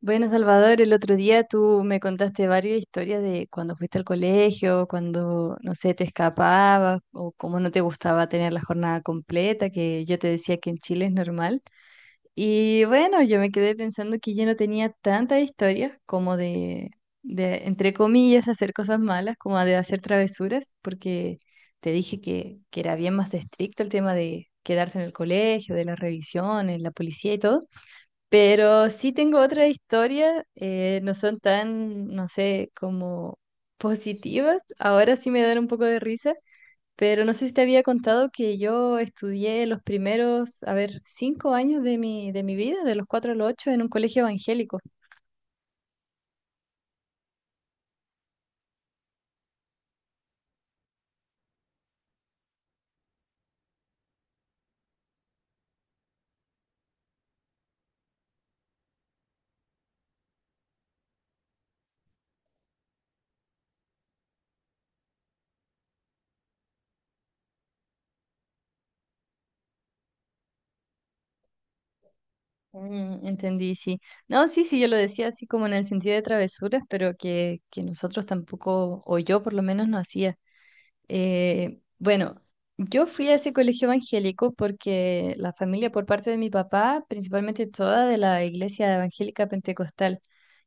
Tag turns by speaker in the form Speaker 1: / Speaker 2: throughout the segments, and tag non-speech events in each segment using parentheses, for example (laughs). Speaker 1: Bueno, Salvador, el otro día tú me contaste varias historias de cuando fuiste al colegio, cuando, no sé, te escapabas o cómo no te gustaba tener la jornada completa, que yo te decía que en Chile es normal. Y bueno, yo me quedé pensando que yo no tenía tantas historias como de, entre comillas, hacer cosas malas, como de hacer travesuras, porque te dije que era bien más estricto el tema de quedarse en el colegio, de las revisiones, la policía y todo. Pero sí tengo otra historia, no son tan, no sé, como positivas. Ahora sí me dan un poco de risa, pero no sé si te había contado que yo estudié los primeros, a ver, cinco años de mi vida, de los cuatro a los ocho, en un colegio evangélico. Mm, entendí, sí. No, sí, sí, yo lo decía así como en el sentido de travesuras, pero que nosotros tampoco, o yo por lo menos no hacía. Bueno, yo fui a ese colegio evangélico porque la familia por parte de mi papá, principalmente toda de la iglesia evangélica pentecostal,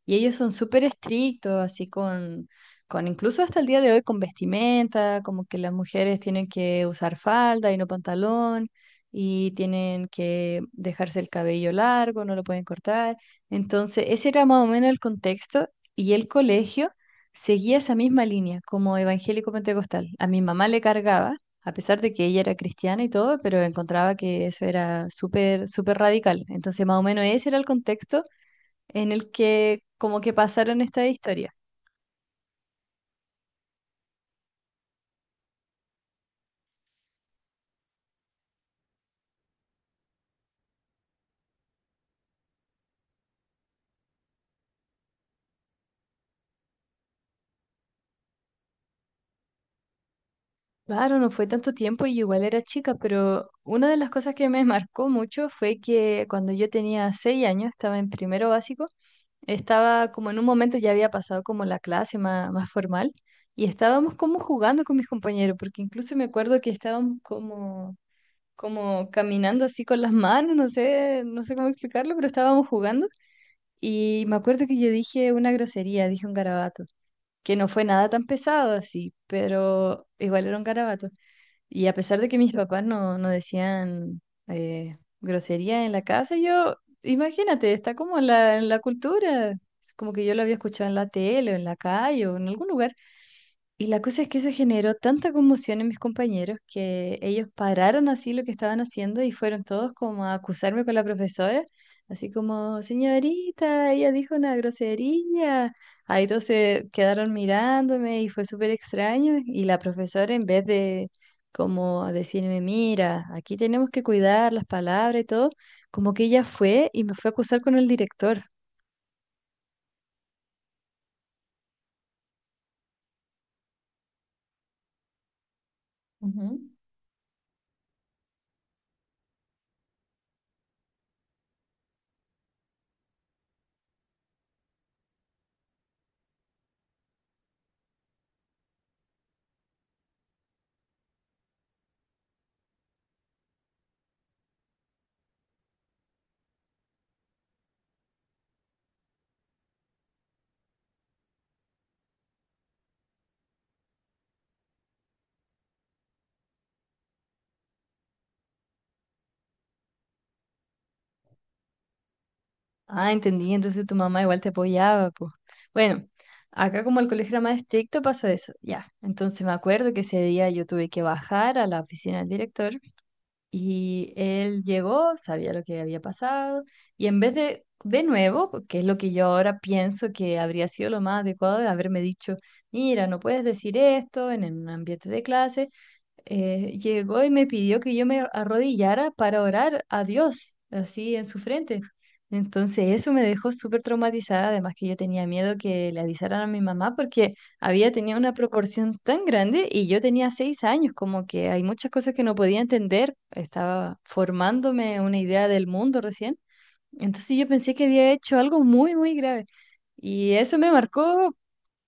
Speaker 1: y ellos son súper estrictos, así con incluso hasta el día de hoy con vestimenta, como que las mujeres tienen que usar falda y no pantalón, y tienen que dejarse el cabello largo, no lo pueden cortar. Entonces, ese era más o menos el contexto y el colegio seguía esa misma línea como evangélico pentecostal. A mi mamá le cargaba, a pesar de que ella era cristiana y todo, pero encontraba que eso era súper, súper radical. Entonces, más o menos ese era el contexto en el que como que pasaron esta historia. Claro, no fue tanto tiempo y igual era chica, pero una de las cosas que me (laughs) marcó mucho fue que cuando yo tenía seis años, estaba en primero básico, estaba como en un momento ya había pasado como la clase más, más formal y estábamos como jugando con mis compañeros, porque incluso me acuerdo que estábamos como caminando así con las manos, no sé, no sé cómo explicarlo, pero estábamos jugando y me acuerdo que yo dije una grosería, dije un garabato, que no fue nada tan pesado así, pero igual era un garabato. Y a pesar de que mis papás no decían eh, grosería en la casa, yo, imagínate, está como en la cultura. Es como que yo lo había escuchado en la tele o en la calle o en algún lugar y la cosa es que eso generó tanta conmoción en mis compañeros que ellos pararon así lo que estaban haciendo y fueron todos como a acusarme con la profesora, así como, señorita, ella dijo una grosería. Ahí todos se quedaron mirándome y fue súper extraño. Y la profesora en vez de como decirme, mira, aquí tenemos que cuidar las palabras y todo, como que ella fue y me fue a acusar con el director. Ujú. Ah, entendí. Entonces tu mamá igual te apoyaba, pues. Bueno, acá como el colegio era más estricto, pasó eso. Ya. Entonces me acuerdo que ese día yo tuve que bajar a la oficina del director y él llegó, sabía lo que había pasado y en vez de nuevo, que es lo que yo ahora pienso que habría sido lo más adecuado de haberme dicho, mira, no puedes decir esto en un ambiente de clase, llegó y me pidió que yo me arrodillara para orar a Dios, así en su frente. Entonces eso me dejó súper traumatizada, además que yo tenía miedo que le avisaran a mi mamá porque había tenido una proporción tan grande y yo tenía seis años, como que hay muchas cosas que no podía entender, estaba formándome una idea del mundo recién. Entonces yo pensé que había hecho algo muy, muy grave. Y eso me marcó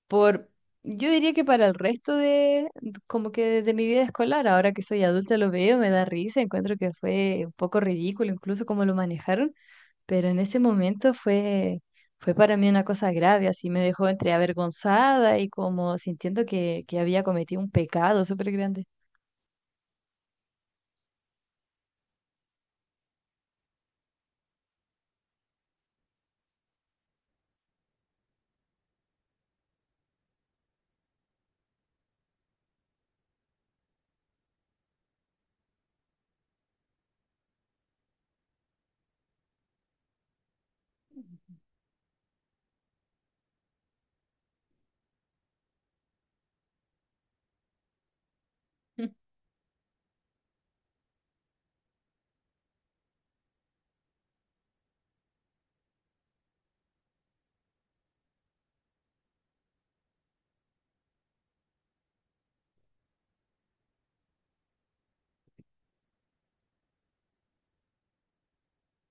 Speaker 1: por, yo diría que para el resto de, como que de mi vida escolar, ahora que soy adulta lo veo, me da risa, encuentro que fue un poco ridículo incluso cómo lo manejaron, pero en ese momento fue para mí una cosa grave, así me dejó entre avergonzada y como sintiendo que había cometido un pecado súper grande.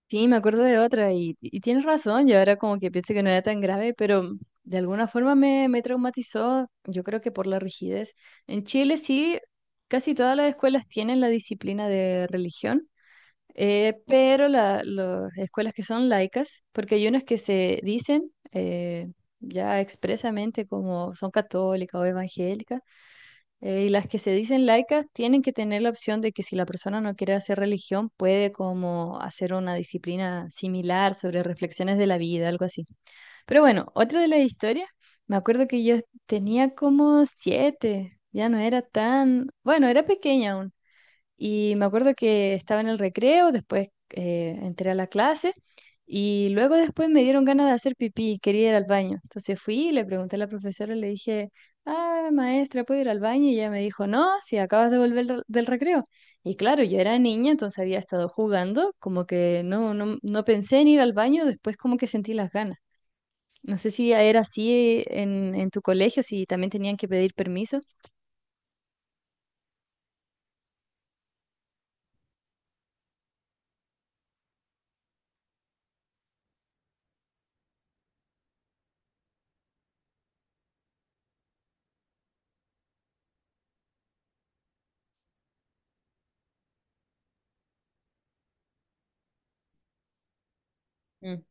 Speaker 1: Sí, me acuerdo de otra y tienes razón, yo ahora como que pienso que no era tan grave, pero de alguna forma me traumatizó, yo creo que por la rigidez. En Chile sí, casi todas las escuelas tienen la disciplina de religión, pero las escuelas que son laicas, porque hay unas que se dicen ya expresamente como son católicas o evangélicas, y las que se dicen laicas tienen que tener la opción de que si la persona no quiere hacer religión, puede como hacer una disciplina similar sobre reflexiones de la vida, algo así. Pero bueno, otra de las historias, me acuerdo que yo tenía como siete, ya no era tan, bueno, era pequeña y me acuerdo que estaba en el recreo, después entré a la clase y luego después me dieron ganas de hacer pipí, quería ir al baño. Entonces fui y le pregunté a la profesora, le dije, ah, maestra, ¿puedo ir al baño? Y ella me dijo, no, si acabas de volver del recreo. Y claro, yo era niña, entonces había estado jugando, como que no, no, no pensé en ir al baño, después como que sentí las ganas. No sé si era así en tu colegio, si también tenían que pedir permiso. Mm.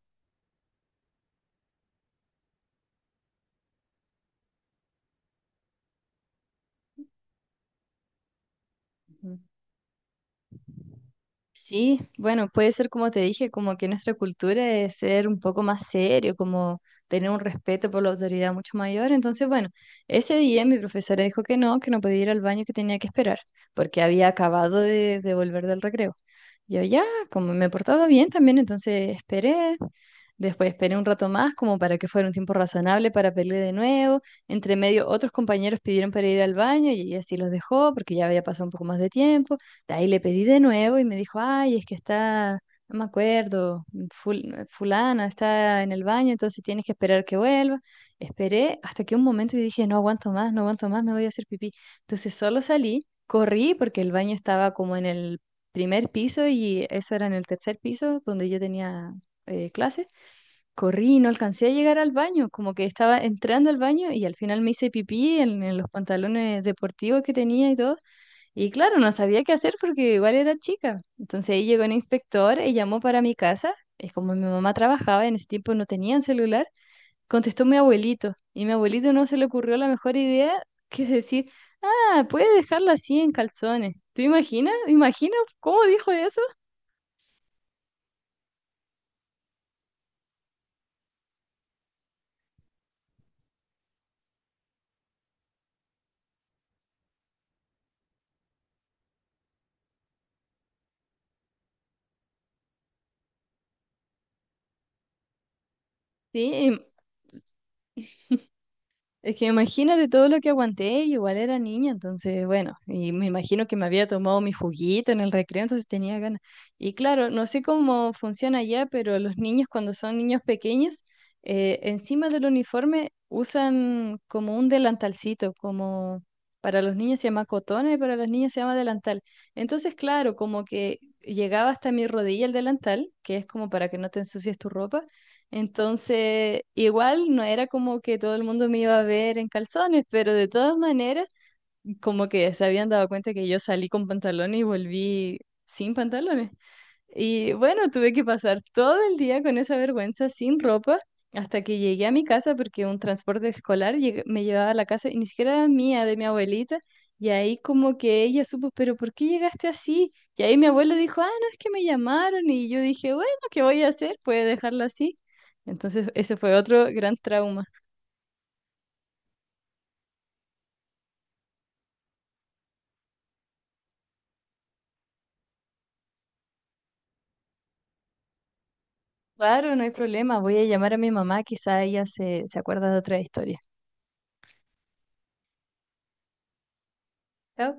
Speaker 1: Ujú. Sí, bueno, puede ser como te dije, como que nuestra cultura es ser un poco más serio, como tener un respeto por la autoridad mucho mayor. Entonces, bueno, ese día mi profesora dijo que no podía ir al baño, que tenía que esperar, porque había acabado de volver del recreo. Yo ya, como me portaba bien también, entonces esperé, después esperé un rato más, como para que fuera un tiempo razonable para pelear de nuevo. Entre medio, otros compañeros pidieron para ir al baño y ella sí los dejó, porque ya había pasado un poco más de tiempo. De ahí le pedí de nuevo y me dijo, ay, es que está, no me acuerdo, fulana está en el baño, entonces tienes que esperar que vuelva. Esperé hasta que un momento y dije, no aguanto más, no aguanto más, me voy a hacer pipí. Entonces solo salí, corrí porque el baño estaba como en el primer piso y eso era en el tercer piso donde yo tenía clase. Corrí y no alcancé a llegar al baño, como que estaba entrando al baño y al final me hice pipí en los pantalones deportivos que tenía y todo. Y claro, no sabía qué hacer porque igual era chica. Entonces ahí llegó un inspector y llamó para mi casa. Es como mi mamá trabajaba, en ese tiempo no tenían celular. Contestó mi abuelito. Y mi abuelito no se le ocurrió la mejor idea que decir, ah, puede dejarla así en calzones. ¿Tú imaginas? ¿Imaginas cómo dijo eso? Sí, es que imagínate todo lo que aguanté, y igual era niña, entonces, bueno, y me imagino que me había tomado mi juguito en el recreo, entonces tenía ganas. Y claro, no sé cómo funciona allá, pero los niños cuando son niños pequeños, encima del uniforme usan como un delantalcito, como para los niños se llama cotona y para las niñas se llama delantal. Entonces, claro, como que llegaba hasta mi rodilla el delantal, que es como para que no te ensucies tu ropa entonces, igual no era como que todo el mundo me iba a ver en calzones, pero de todas maneras, como que se habían dado cuenta que yo salí con pantalones y volví sin pantalones. Y bueno, tuve que pasar todo el día con esa vergüenza sin ropa hasta que llegué a mi casa porque un transporte escolar me llevaba a la casa y ni siquiera era mía, de mi abuelita. Y ahí como que ella supo, pero ¿por qué llegaste así? Y ahí mi abuelo dijo, ah, no, es que me llamaron. Y yo dije, bueno, ¿qué voy a hacer? Puede dejarlo así. Entonces ese fue otro gran trauma. Claro, no hay problema, voy a llamar a mi mamá, quizá ella se, se acuerda de otra historia. Chao.